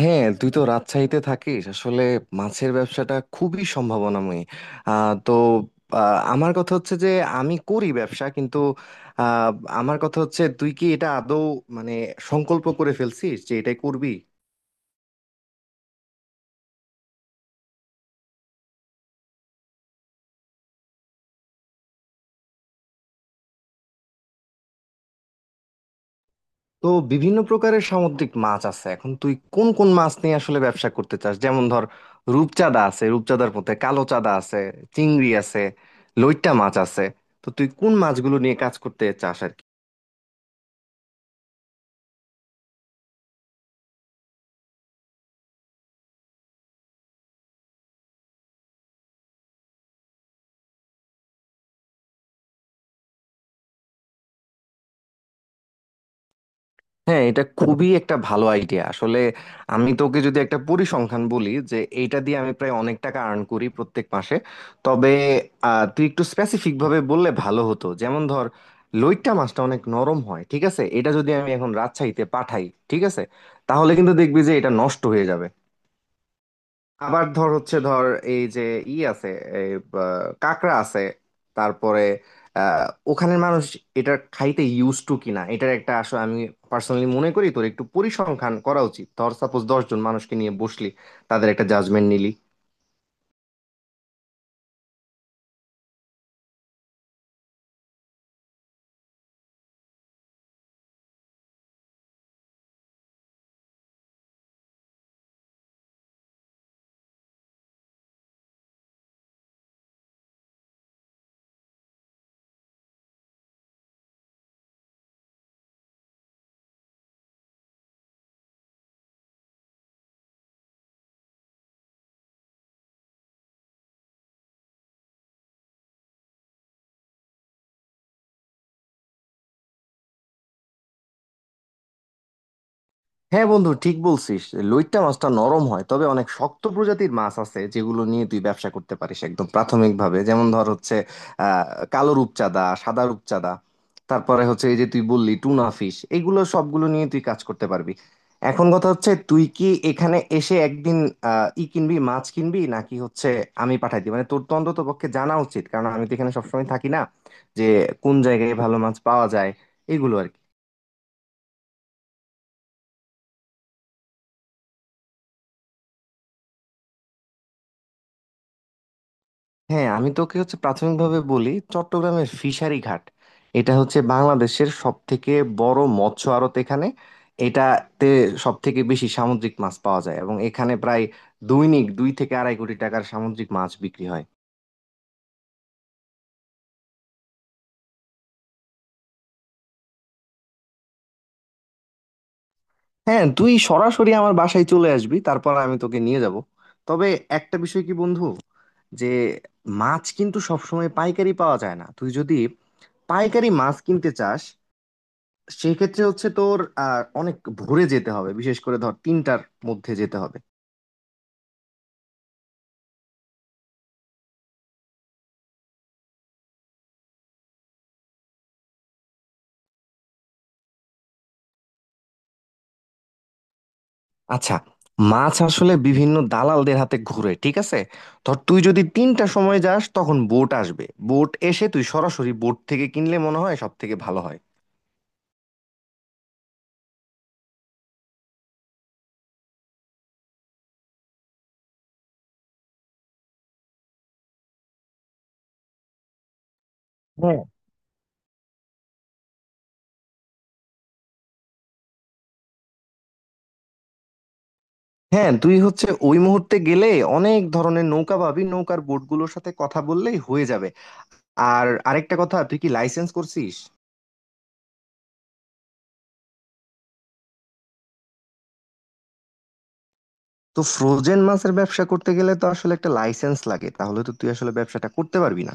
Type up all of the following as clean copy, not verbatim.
হ্যাঁ তুই তো রাজশাহীতে থাকিস আসলে। মাছের ব্যবসাটা খুবই সম্ভাবনাময়ী। আহ, তো আমার কথা হচ্ছে যে আমি করি ব্যবসা কিন্তু আহ, আমার কথা হচ্ছে তুই কি এটা আদৌ মানে সংকল্প করে ফেলছিস যে এটাই করবি? তো বিভিন্ন প্রকারের সামুদ্রিক মাছ আছে, এখন তুই কোন কোন মাছ নিয়ে আসলে ব্যবসা করতে চাস? যেমন ধর, রূপচাঁদা আছে, রূপচাঁদার মধ্যে কালো চাঁদা আছে, চিংড়ি আছে, লইট্টা মাছ আছে। তো তুই কোন মাছগুলো নিয়ে কাজ করতে চাস আর কি? হ্যাঁ, এটা খুবই একটা ভালো আইডিয়া আসলে। আমি তোকে যদি একটা পরিসংখ্যান বলি যে এইটা দিয়ে আমি প্রায় অনেক টাকা আর্ন করি প্রত্যেক মাসে। তবে তুই একটু স্পেসিফিক ভাবে বললে ভালো হতো। যেমন ধর, লইট্টা মাছটা অনেক নরম হয়, ঠিক আছে? এটা যদি আমি এখন রাজশাহীতে পাঠাই, ঠিক আছে, তাহলে কিন্তু দেখবি যে এটা নষ্ট হয়ে যাবে। আবার ধর এই যে ই আছে, এই বা, কাঁকড়া আছে, তারপরে আহ, ওখানের মানুষ এটা খাইতে ইউজ টু কিনা এটার একটা আসলে আমি পার্সোনালি মনে করি তোর একটু পরিসংখ্যান করা উচিত। ধর সাপোজ 10 জন মানুষকে নিয়ে বসলি, তাদের একটা জাজমেন্ট নিলি। হ্যাঁ বন্ধু, ঠিক বলছিস। লইট্টা মাছটা নরম হয়, তবে অনেক শক্ত প্রজাতির মাছ আছে যেগুলো নিয়ে তুই ব্যবসা করতে পারিস একদম প্রাথমিকভাবে। যেমন ধর হচ্ছে আহ কালো রূপচাঁদা, সাদা রূপচাঁদা, তারপরে হচ্ছে এই যে তুই বললি টুনা ফিশ, এগুলো সবগুলো নিয়ে তুই কাজ করতে পারবি। এখন কথা হচ্ছে, তুই কি এখানে এসে একদিন ই কিনবি, মাছ কিনবি, নাকি হচ্ছে আমি পাঠাই দিই? মানে তোর তো অন্তত পক্ষে জানা উচিত, কারণ আমি তো এখানে সবসময় থাকি না, যে কোন জায়গায় ভালো মাছ পাওয়া যায় এগুলো আর কি। হ্যাঁ আমি তোকে হচ্ছে প্রাথমিকভাবে বলি, চট্টগ্রামের ফিশারি ঘাট, এটা হচ্ছে বাংলাদেশের সব থেকে বড় মৎস্য আড়ত। এখানে, এটাতে সব থেকে বেশি সামুদ্রিক মাছ পাওয়া যায় এবং এখানে প্রায় দৈনিক 2 থেকে আড়াই কোটি টাকার সামুদ্রিক মাছ বিক্রি হয়। হ্যাঁ, তুই সরাসরি আমার বাসায় চলে আসবি, তারপর আমি তোকে নিয়ে যাব। তবে একটা বিষয় কি বন্ধু, যে মাছ কিন্তু সবসময় পাইকারি পাওয়া যায় না। তুই যদি পাইকারি মাছ কিনতে চাস, সেই ক্ষেত্রে হচ্ছে তোর অনেক ভোরে যেতে হবে, বিশেষ করে ধর 3টার মধ্যে যেতে হবে। আচ্ছা, মাছ আসলে বিভিন্ন দালালদের হাতে ঘুরে, ঠিক আছে? ধর তুই যদি 3টার সময় যাস, তখন বোট আসবে। বোট এসে তুই সরাসরি বোট থেকে কিনলে মনে হয় সব থেকে ভালো হয়। হ্যাঁ, হ্যাঁ, তুই হচ্ছে ওই মুহূর্তে গেলে অনেক ধরনের নৌকা পাবি, নৌকার বোটগুলোর সাথে কথা বললেই হয়ে যাবে। আর আরেকটা কথা, তুই কি লাইসেন্স করছিস? তো ফ্রোজেন মাছের ব্যবসা করতে গেলে তো আসলে একটা লাইসেন্স লাগে, তাহলে তো তুই আসলে ব্যবসাটা করতে পারবি না।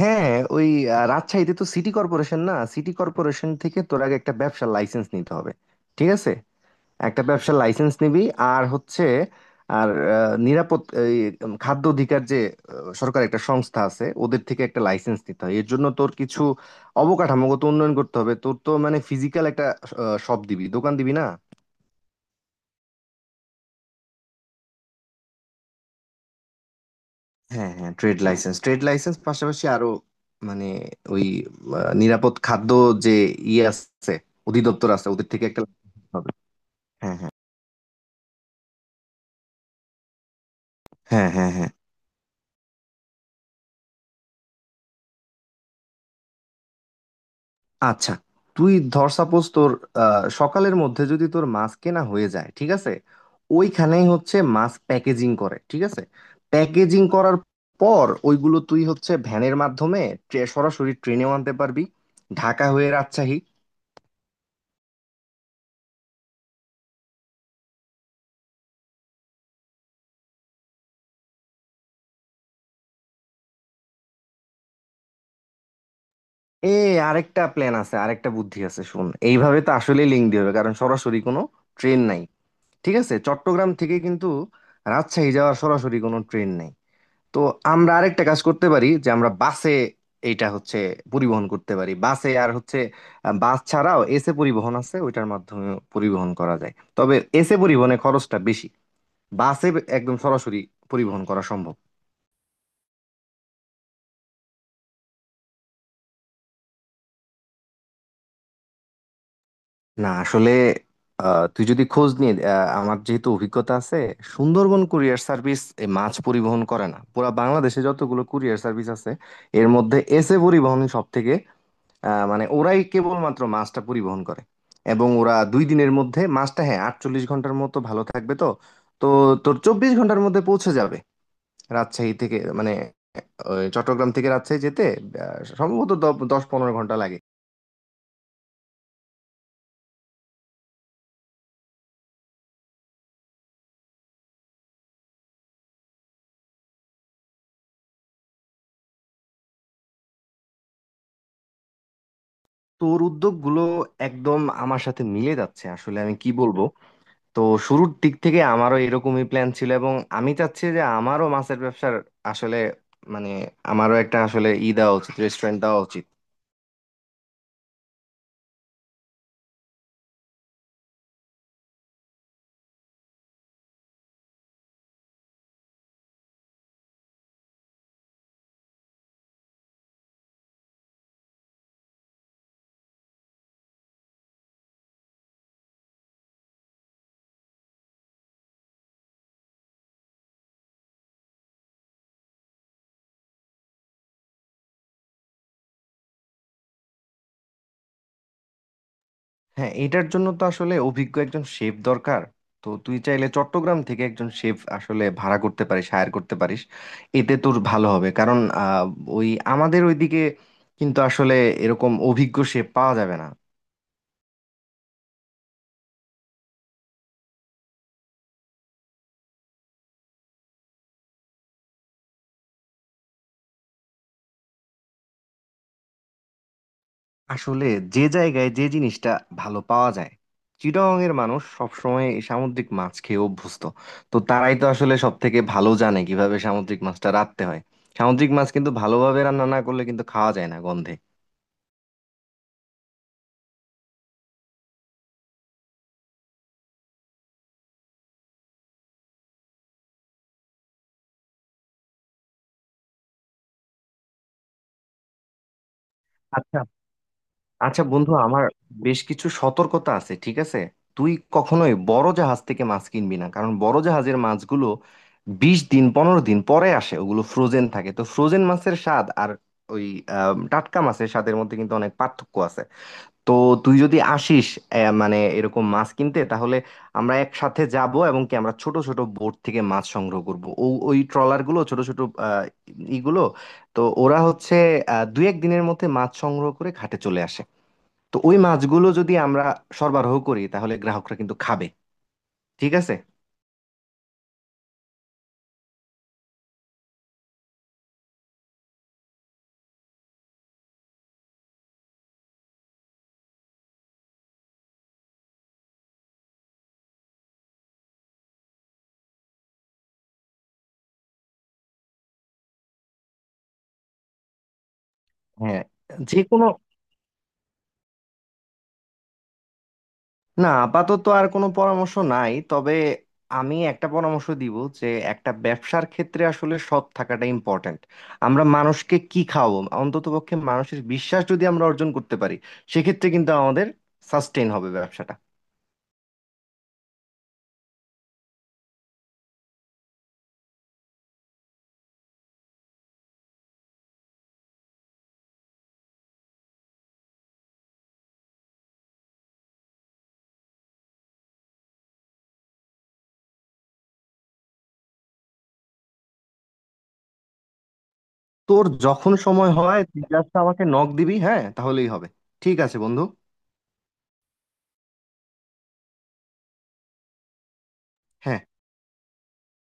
হ্যাঁ, ওই রাজশাহীতে তো সিটি কর্পোরেশন, না সিটি কর্পোরেশন থেকে তোর আগে একটা ব্যবসার লাইসেন্স নিতে হবে, ঠিক আছে? একটা ব্যবসার লাইসেন্স নিবি। আর হচ্ছে আর নিরাপদ খাদ্য অধিকার যে সরকার, একটা সংস্থা আছে, ওদের থেকে একটা লাইসেন্স নিতে হয়। এর জন্য তোর কিছু অবকাঠামোগত উন্নয়ন করতে হবে। তোর তো মানে ফিজিক্যাল একটা শপ দিবি, দোকান দিবি না? হ্যাঁ হ্যাঁ, ট্রেড লাইসেন্স, ট্রেড লাইসেন্স পাশাপাশি আরো মানে ওই নিরাপদ খাদ্য যে ইয়ে আছে, অধিদপ্তর আছে, ওদের থেকে একটা license হবে। হ্যাঁ হ্যাঁ হ্যাঁ। হ্যাঁ হ্যাঁ। আচ্ছা, তুই ধর সাপোজ তোর সকালের মধ্যে যদি তোর মাছ কেনা হয়ে যায়, ঠিক আছে? ওইখানেই হচ্ছে মাছ প্যাকেজিং করে, ঠিক আছে? প্যাকেজিং করার পর ওইগুলো তুই হচ্ছে ভ্যানের মাধ্যমে, সরাসরি ট্রেনেও আনতে পারবি, ঢাকা হয়ে রাজশাহী। এ, আরেকটা প্ল্যান আছে, আরেকটা বুদ্ধি আছে, শুন। এইভাবে তো আসলে লিঙ্ক দিয়ে হবে, কারণ সরাসরি কোনো ট্রেন নাই, ঠিক আছে? চট্টগ্রাম থেকে কিন্তু রাজশাহী যাওয়ার সরাসরি কোনো ট্রেন নাই। তো আমরা আরেকটা কাজ করতে পারি, যে আমরা বাসে, এইটা হচ্ছে, পরিবহন করতে পারি বাসে। আর হচ্ছে বাস ছাড়াও এসে পরিবহন আছে, ওইটার মাধ্যমে পরিবহন করা যায়, তবে এসে পরিবহনে খরচটা বেশি। বাসে একদম সরাসরি পরিবহন করা সম্ভব না। না, আসলে তুই যদি খোঁজ নিয়ে, আমার যেহেতু অভিজ্ঞতা আছে, সুন্দরবন কুরিয়ার সার্ভিস এই মাছ পরিবহন করে না। পুরা বাংলাদেশে যতগুলো কুরিয়ার সার্ভিস আছে এর মধ্যে এসএ পরিবহন সব থেকে মানে ওরাই কেবলমাত্র মাছটা পরিবহন করে। এবং ওরা দুই দিনের মধ্যে মাছটা, হ্যাঁ, 48 ঘন্টার মতো ভালো থাকবে। তো তো তোর 24 ঘন্টার মধ্যে পৌঁছে যাবে রাজশাহী থেকে, মানে ওই চট্টগ্রাম থেকে রাজশাহী যেতে সম্ভবত 10-15 ঘন্টা লাগে। তোর উদ্যোগগুলো একদম আমার সাথে মিলে যাচ্ছে আসলে। আমি কি বলবো, তো শুরুর দিক থেকে আমারও এরকমই প্ল্যান ছিল এবং আমি চাচ্ছি যে আমারও মাছের ব্যবসার আসলে মানে আমারও একটা আসলে ই দেওয়া উচিত, রেস্টুরেন্ট দেওয়া উচিত। হ্যাঁ এটার জন্য তো আসলে অভিজ্ঞ একজন শেফ দরকার। তো তুই চাইলে চট্টগ্রাম থেকে একজন শেফ আসলে ভাড়া করতে পারিস, হায়ার করতে পারিস। এতে তোর ভালো হবে, কারণ আহ, ওই আমাদের ওইদিকে কিন্তু আসলে এরকম অভিজ্ঞ শেফ পাওয়া যাবে না। আসলে যে জায়গায় যে জিনিসটা ভালো পাওয়া যায়, চিটাগং এর মানুষ সবসময় এই সামুদ্রিক মাছ খেয়ে অভ্যস্ত। তো তারাই তো আসলে সব থেকে ভালো জানে কিভাবে সামুদ্রিক মাছটা রাঁধতে হয়। সামুদ্রিক মাছ কিন্তু ভালোভাবে রান্না না করলে কিন্তু খাওয়া যায় না গন্ধে। আচ্ছা। আচ্ছা বন্ধু, আমার বেশ কিছু সতর্কতা আছে, ঠিক আছে? তুই কখনোই বড় জাহাজ থেকে মাছ কিনবি না, কারণ বড় জাহাজের মাছগুলো 20 দিন, 15 দিন পরে আসে, ওগুলো ফ্রোজেন থাকে। তো ফ্রোজেন মাছের স্বাদ আর ওই টাটকা মাছের স্বাদের মধ্যে কিন্তু অনেক পার্থক্য আছে। তো তুই যদি আসিস মানে এরকম মাছ কিনতে, তাহলে আমরা একসাথে যাব এবং কি আমরা ছোট ছোট বোট থেকে মাছ সংগ্রহ করব, ও ওই ট্রলারগুলো ছোট ছোট আহ, ইগুলো। তো ওরা হচ্ছে দুই এক দিনের মধ্যে মাছ সংগ্রহ করে ঘাটে চলে আসে। তো ওই মাছগুলো যদি আমরা সরবরাহ করি তাহলে গ্রাহকরা কিন্তু খাবে, ঠিক আছে? হ্যাঁ, যে কোনো, না আপাতত আর কোনো পরামর্শ নাই, তবে আমি একটা পরামর্শ দিব, যে একটা ব্যবসার ক্ষেত্রে আসলে সৎ থাকাটা ইম্পর্ট্যান্ট। আমরা মানুষকে কি খাওয়াবো? অন্ততপক্ষে মানুষের বিশ্বাস যদি আমরা অর্জন করতে পারি, সেক্ষেত্রে কিন্তু আমাদের সাস্টেইন হবে ব্যবসাটা। তোর যখন সময় হয় তুই just আমাকে নক দিবি, হ্যাঁ তাহলেই হবে। ঠিক আছে বন্ধু। হ্যাঁ।